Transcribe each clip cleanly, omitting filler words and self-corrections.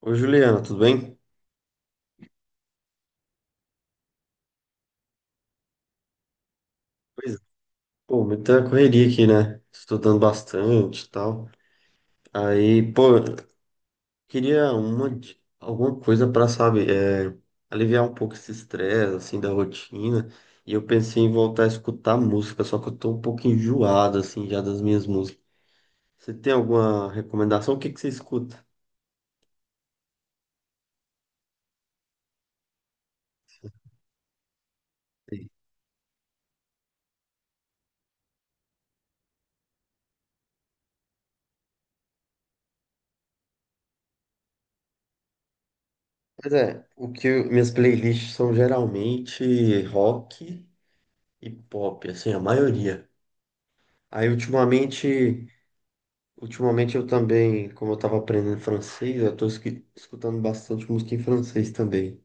Ô, Juliana, tudo bem? Pois é. Pô, muita correria aqui, né? Estudando bastante e tal. Aí, pô, queria alguma coisa pra, sabe, aliviar um pouco esse estresse, assim, da rotina. E eu pensei em voltar a escutar música, só que eu tô um pouco enjoado, assim, já das minhas músicas. Você tem alguma recomendação? O que que você escuta? Sim. Pois é, minhas playlists são geralmente rock e pop, assim, a maioria. Aí, ultimamente. Ultimamente eu também, como eu estava aprendendo francês, eu estou escutando bastante música em francês também.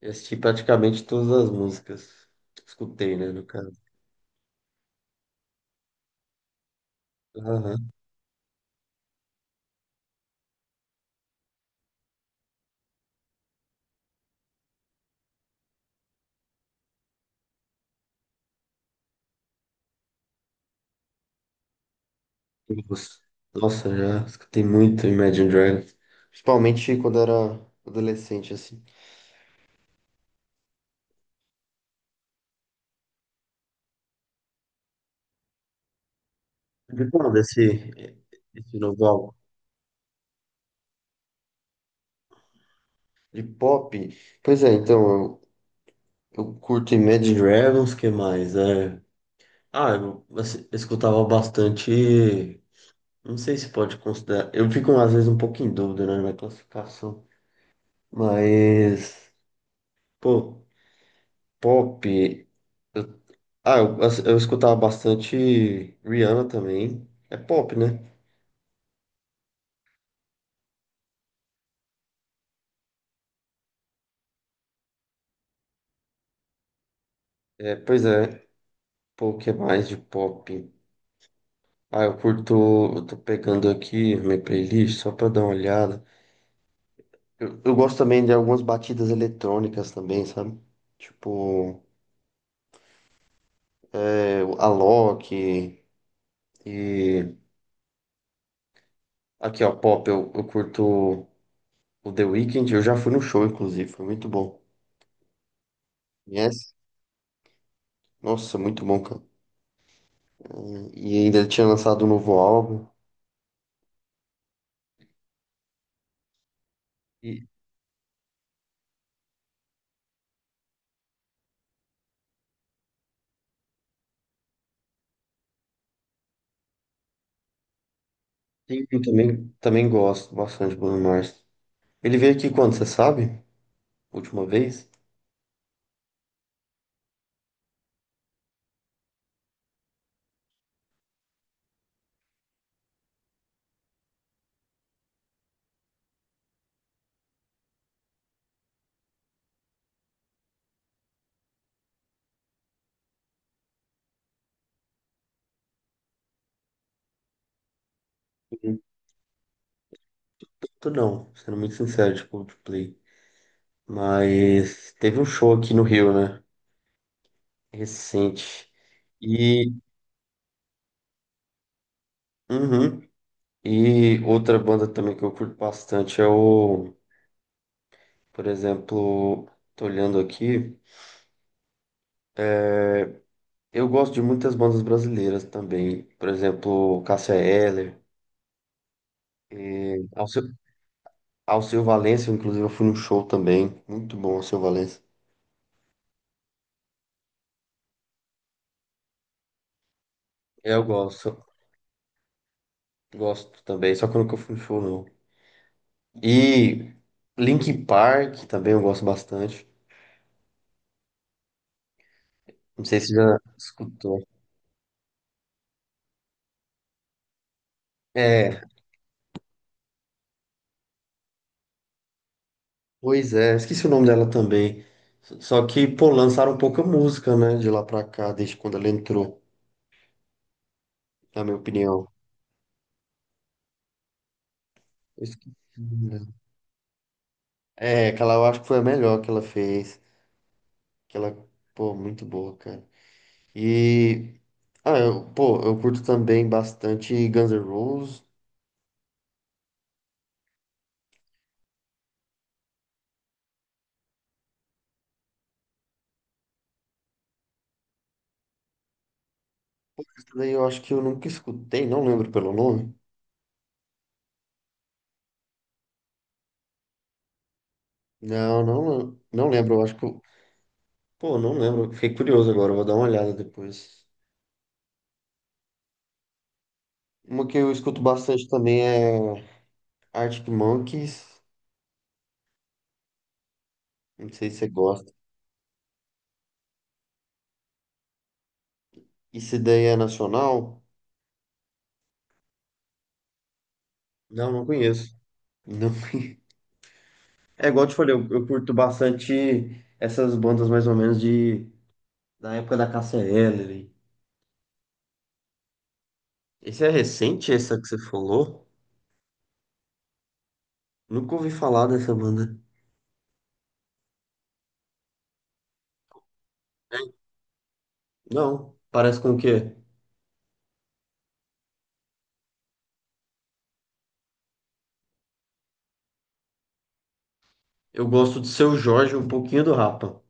Eu assisti praticamente todas as músicas. Escutei, né, no caso. Aham. Nossa, Nossa, já escutei muito Imagine Dragons. Principalmente quando era adolescente, assim. De quando esse novo álbum? De pop? Pois é, então, eu curto Imagine Dragons, que mais? Ah, eu assim, escutava bastante. Não sei se pode considerar. Eu fico às vezes um pouco em dúvida, né, na classificação. Mas, pô, pop. eu- eu, assim, eu escutava bastante Rihanna também. É pop, né? É, pois é. Pô, o que mais de pop? Ah, eu curto. Eu tô pegando aqui minha playlist só pra dar uma olhada. Eu gosto também de algumas batidas eletrônicas também, sabe? Tipo, a Alok. E aqui, ó, pop, eu curto. O The Weeknd, eu já fui no show, inclusive, foi muito bom. Conhece? Nossa, muito bom, cara. E ainda ele tinha lançado um novo álbum. E sim, eu também gosto bastante do Bruno Mars. Ele veio aqui quando, você sabe? Última vez? Muito não, sendo muito sincero, de Coldplay. Mas teve um show aqui no Rio, né? Recente. E, uhum. E outra banda também que eu curto bastante é o, por exemplo, tô olhando aqui. é Eu gosto de muitas bandas brasileiras também, por exemplo, Cássia Eller, Alceu, Alceu Valença, inclusive eu fui no show também, muito bom Alceu Valença. Eu gosto também, só que eu nunca fui no show não. E Linkin Park também eu gosto bastante, não sei se já escutou. É, pois é, esqueci o nome dela também, só que, pô, lançaram pouca música, né, de lá pra cá, desde quando ela entrou, na minha opinião. Eu esqueci. O É, aquela eu acho que foi a melhor que ela fez. Aquela, pô, muito boa, cara. E, pô, eu curto também bastante Guns N' Roses. Isso daí eu acho que eu nunca escutei, não lembro pelo nome. Não, não, não lembro, eu acho que pô, não lembro. Fiquei curioso agora, eu vou dar uma olhada depois. Uma que eu escuto bastante também é Arctic Monkeys. Não sei se você gosta. Isso daí é nacional? Não, não conheço. Não É igual eu te falei, eu curto bastante essas bandas mais ou menos de da época da KCL. Esse é recente, essa que você falou? Nunca ouvi falar dessa banda. Não, parece com o quê? Eu gosto do Seu Jorge, um pouquinho do Rapa.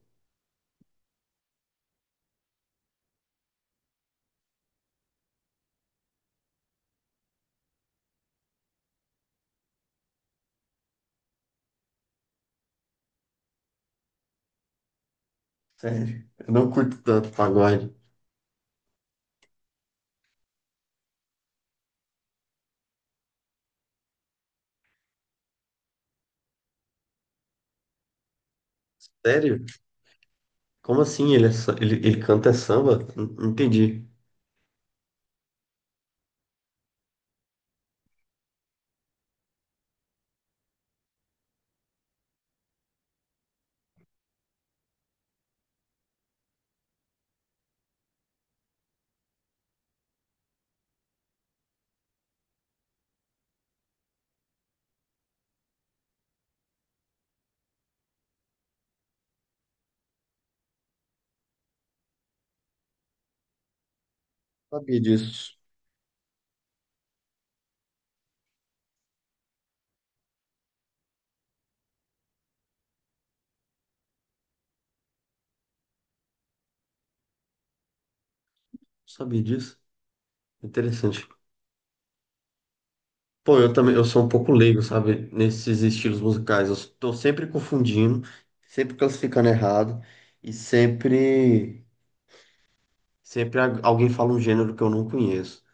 Sério, eu não curto tanto pagode. Sério? Como assim? Ele, é sa- ele canta samba? Não não entendi. Sabia disso. Sabia disso? Interessante. Pô, eu também, eu sou um pouco leigo, sabe? Nesses estilos musicais. Eu tô sempre confundindo, sempre classificando errado e sempre, alguém fala um gênero que eu não conheço.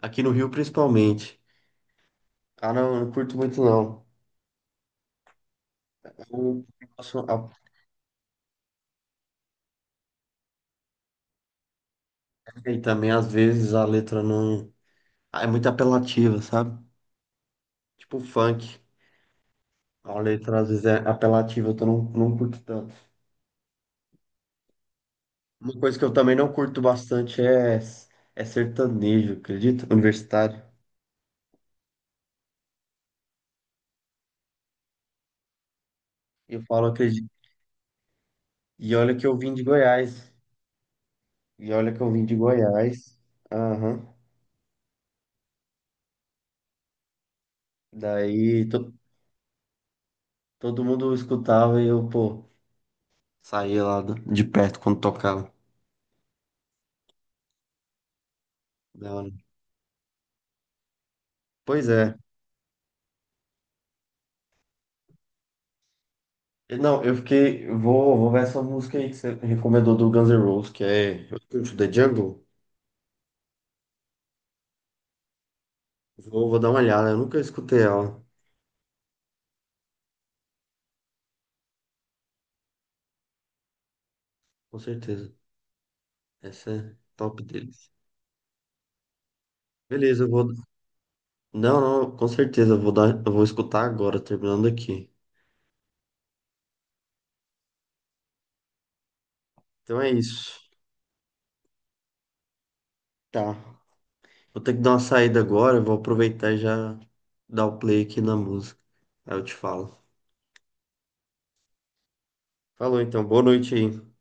Aqui no Rio, principalmente. Ah, não, eu não curto muito, não. Eu faço a- e também, às vezes, a letra não. É muito apelativa, sabe? Tipo funk. A letra, às vezes, é apelativa, então eu não, não curto tanto. Uma coisa que eu também não curto bastante é, sertanejo, acredito? Universitário. Eu falo, acredito. E olha que eu vim de Goiás. E olha que eu vim de Goiás. Aham. Daí, todo mundo escutava e eu, pô... Saía lá de perto quando tocava. Da hora. Pois é. Não, eu fiquei. Vou ver essa música aí que você recomendou do Guns N' Roses, que é Welcome to the Jungle. Vou dar uma olhada. Eu nunca escutei ela. Com certeza. Essa é top deles. Beleza, eu vou. Não, não, com certeza. Eu vou escutar agora, terminando aqui. Então é isso. Tá. Vou ter que dar uma saída agora. Vou aproveitar e já dar o play aqui na música. Aí eu te falo. Falou então. Boa noite aí.